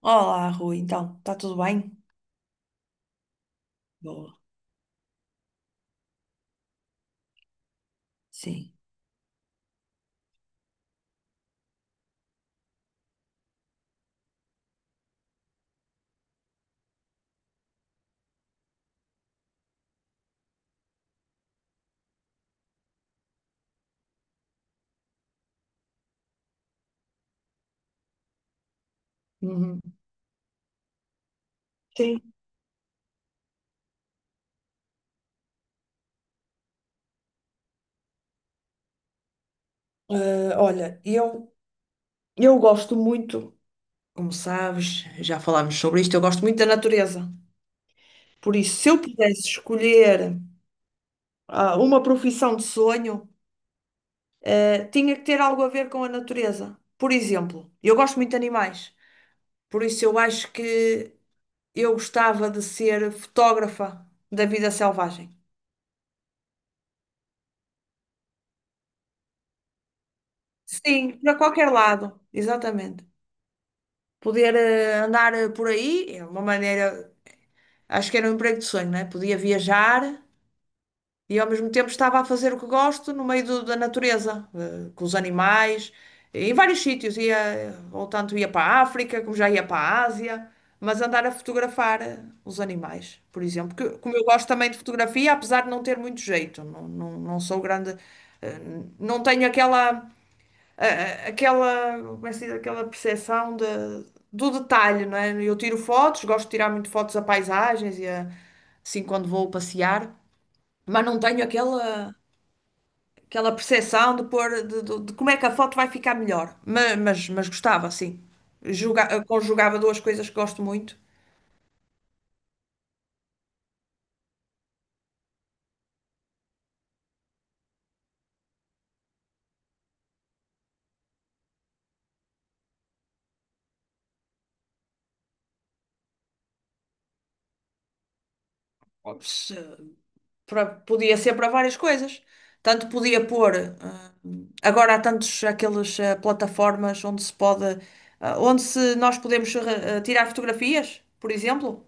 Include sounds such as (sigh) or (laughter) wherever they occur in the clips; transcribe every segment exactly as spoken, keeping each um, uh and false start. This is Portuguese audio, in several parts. Olá, Rui, então, está tudo bem? Boa, sim. Uhum. Sim. Eh, olha, eu, eu gosto muito, como sabes, já falámos sobre isto, eu gosto muito da natureza. Por isso, se eu pudesse escolher ah, uma profissão de sonho, eh, tinha que ter algo a ver com a natureza. Por exemplo, eu gosto muito de animais, por isso eu acho que eu gostava de ser fotógrafa da vida selvagem. Sim, para qualquer lado, exatamente. Poder eh, andar eh, por aí, é uma maneira, acho que era um emprego de sonho, né? Podia viajar e ao mesmo tempo estava a fazer o que gosto no meio do- da natureza, eh, com os animais, em vários sítios, ia, eh, ou tanto ia para a África, como já ia para a Ásia, mas andar a fotografar eh, os animais, por exemplo, que, como eu gosto também de fotografia, apesar de não ter muito jeito, não, não, não sou grande, eh, não tenho aquela a- a- aquela, como é que se diz? Aquela percepção de, do detalhe, não é? Eu tiro fotos, gosto de tirar muito fotos a paisagens e a- assim quando vou passear, mas não tenho aquela, aquela percepção de, pôr, de, de- de como é que a foto vai ficar melhor. Ma- Mas, mas, gostava, sim. Juga- conjugava duas coisas que gosto muito. Para- podia ser para várias coisas. Tanto podia pôr, ah, agora há tantos aquelas ah, plataformas onde se pode, ah, onde se nós podemos ah, tirar fotografias, por exemplo,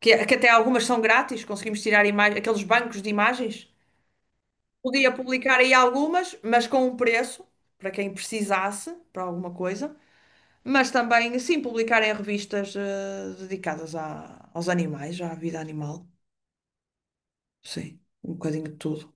que, que até algumas são grátis, conseguimos tirar ima- aqueles bancos de imagens. Podia publicar aí algumas, mas com um preço, para quem precisasse, para alguma coisa. Mas também, sim, publicar em revistas ah, dedicadas a aos animais, à vida animal. Sim, um bocadinho de tudo.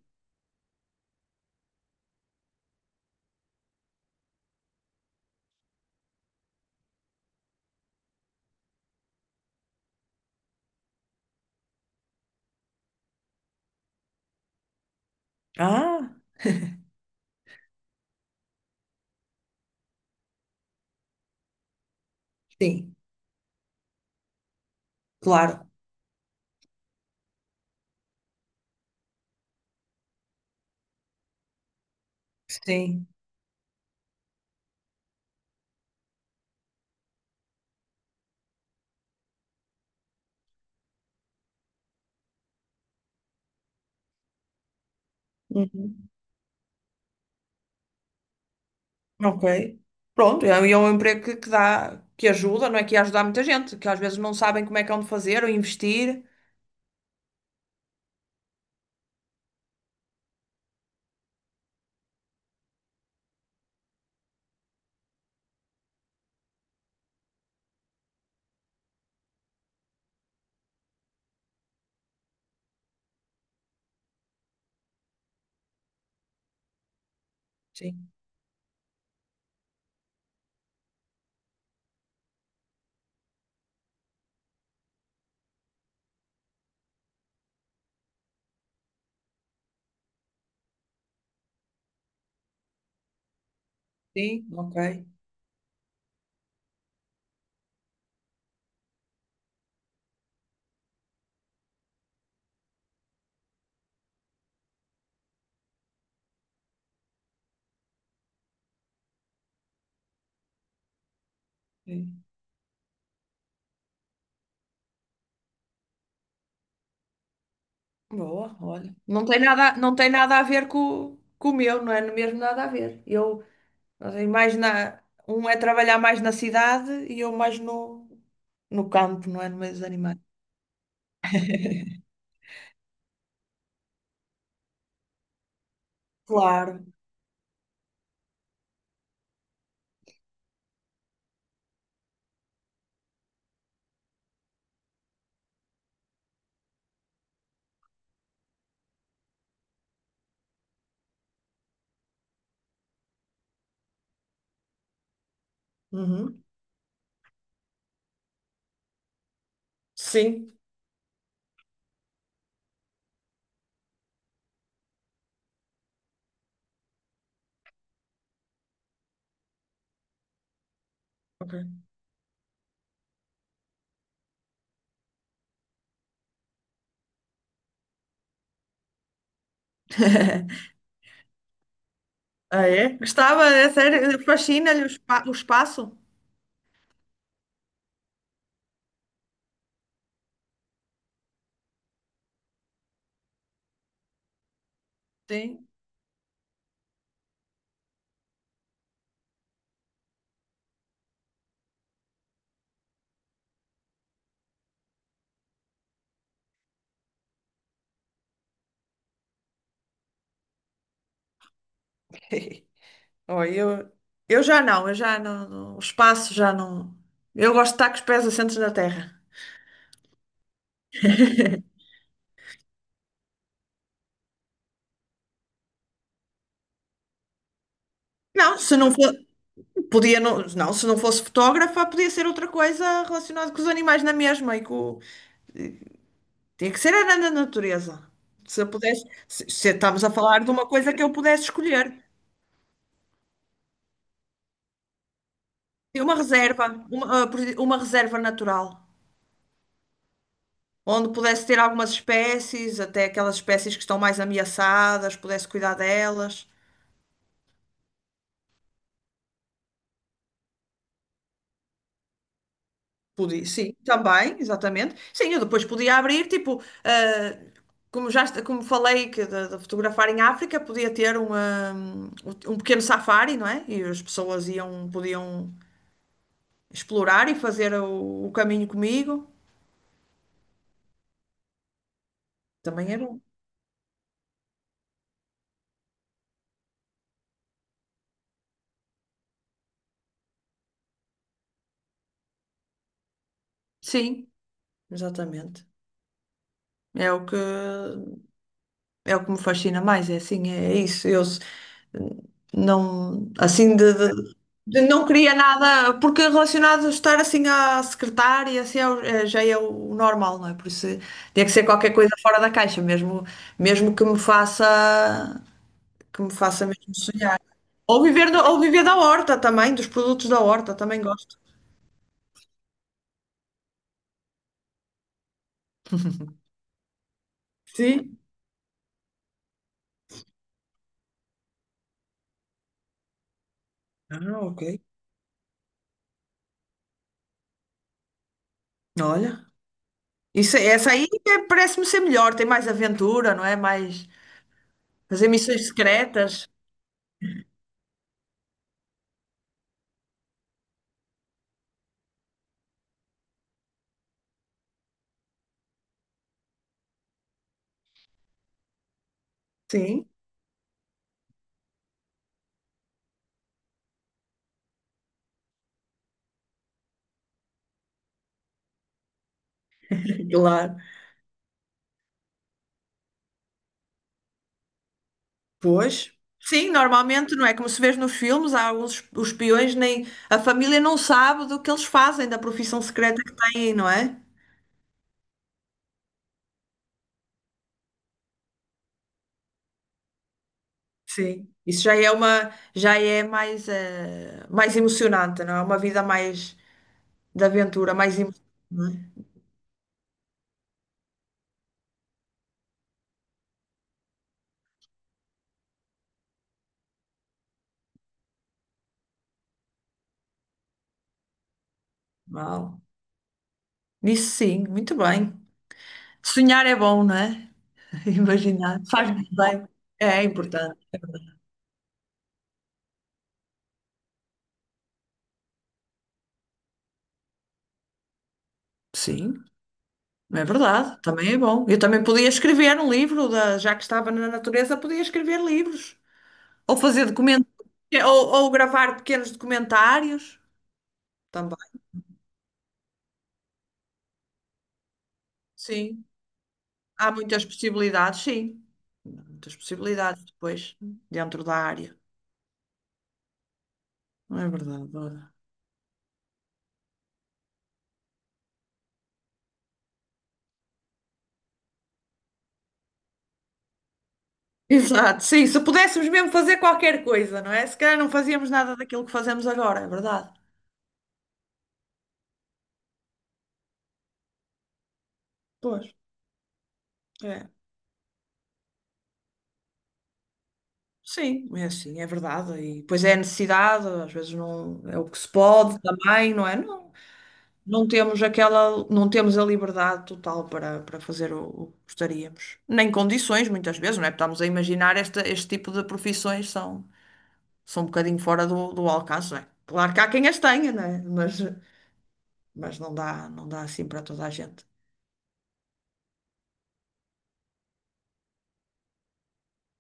Ah, sim. Claro, sim. Uhum. Ok. Pronto, é, e é um emprego que, que dá, que ajuda, não é que ia ajudar muita gente, que às vezes não sabem como é que é onde fazer ou investir. Sim, sim, ok. Sim. Boa, olha. Não tem nada, não tem nada a ver com, com o meu, não é mesmo nada a ver. Eu, não mais na, um é trabalhar mais na cidade e eu mais no, no campo, não é? No meio dos animais. Claro. Uhum. Sim. Ok. (laughs) Ah, é? Gostava, é sério, fascina-lhe o, espa- o espaço. Sim. (laughs) Oh, eu, eu já não, eu já não, não- o espaço já não. Eu gosto de estar com os pés assentes na terra. Não, se não for, podia não, não, se não fosse fotógrafa, podia ser outra coisa relacionada com os animais na mesma e com, tinha que ser era na natureza. Se eu pudesse, se, se estamos a falar de uma coisa que eu pudesse escolher, uma reserva, uma, ah, por exemplo, uma reserva natural. Onde pudesse ter algumas espécies, até aquelas espécies que estão mais ameaçadas, pudesse cuidar delas. Podia, sim, também, exatamente. Sim, eu depois podia abrir, tipo, ah, como já est- como falei que de, de fotografar em África, podia ter um, ah, um pequeno safari, não é? E as pessoas iam, podiam explorar e fazer o, o caminho comigo. Também era. Um- sim, exatamente. É o que é o que me fascina mais, é assim, é isso. Eu, não, assim, de, de- de não queria nada, porque relacionado a estar assim à secretária, assim é o- é- já é o normal, não é? Por isso tinha que ser qualquer coisa fora da caixa, mesmo, mesmo que me faça, que me faça mesmo sonhar. Ou viver, da- ou viver da horta também, dos produtos da horta, também gosto. Sim. Ah, ok. Olha, isso, essa aí é- parece-me ser melhor, tem mais aventura, não é? Mais fazer missões secretas. Sim, (laughs) claro. Pois, sim, normalmente não é como se vê nos filmes, há alguns os peões nem a família não sabe do que eles fazem, da profissão secreta que têm, não é? Sim. Isso já é uma, já é mais, eh, mais emocionante, não é? Uma vida mais de aventura, mais emocionante. Não é? Uau. Isso sim, muito bem. Sonhar é bom, não é? (laughs) Imaginar, faz muito bem. É importante. Sim, é verdade, também é bom. Eu também podia escrever um livro, da- já que estava na natureza, podia escrever livros. Ou fazer documentos, ou, ou gravar pequenos documentários também. Sim, há muitas possibilidades, sim. Há muitas possibilidades depois, dentro da área. Não é verdade, Dora? Exato, sim. Se pudéssemos mesmo fazer qualquer coisa, não é? Se calhar não fazíamos nada daquilo que fazemos agora, é verdade. Pois, é. Sim, é assim, é verdade. E depois é a necessidade, às vezes não é o que se pode também, não é? Não não temos aquela, não temos a liberdade total para, para fazer o, o que gostaríamos. Nem condições, muitas vezes, não é? Porque estamos a imaginar esta, este tipo de profissões são, são um bocadinho fora do, do alcance, não é? Claro que há quem as tenha, não é? Mas, mas não dá, não dá assim para toda a gente.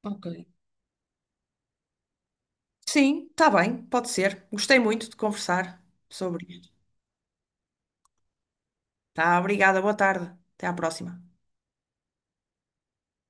Ok. Sim, está bem, pode ser. Gostei muito de conversar sobre isto. Tá, obrigada, boa tarde. Até à próxima.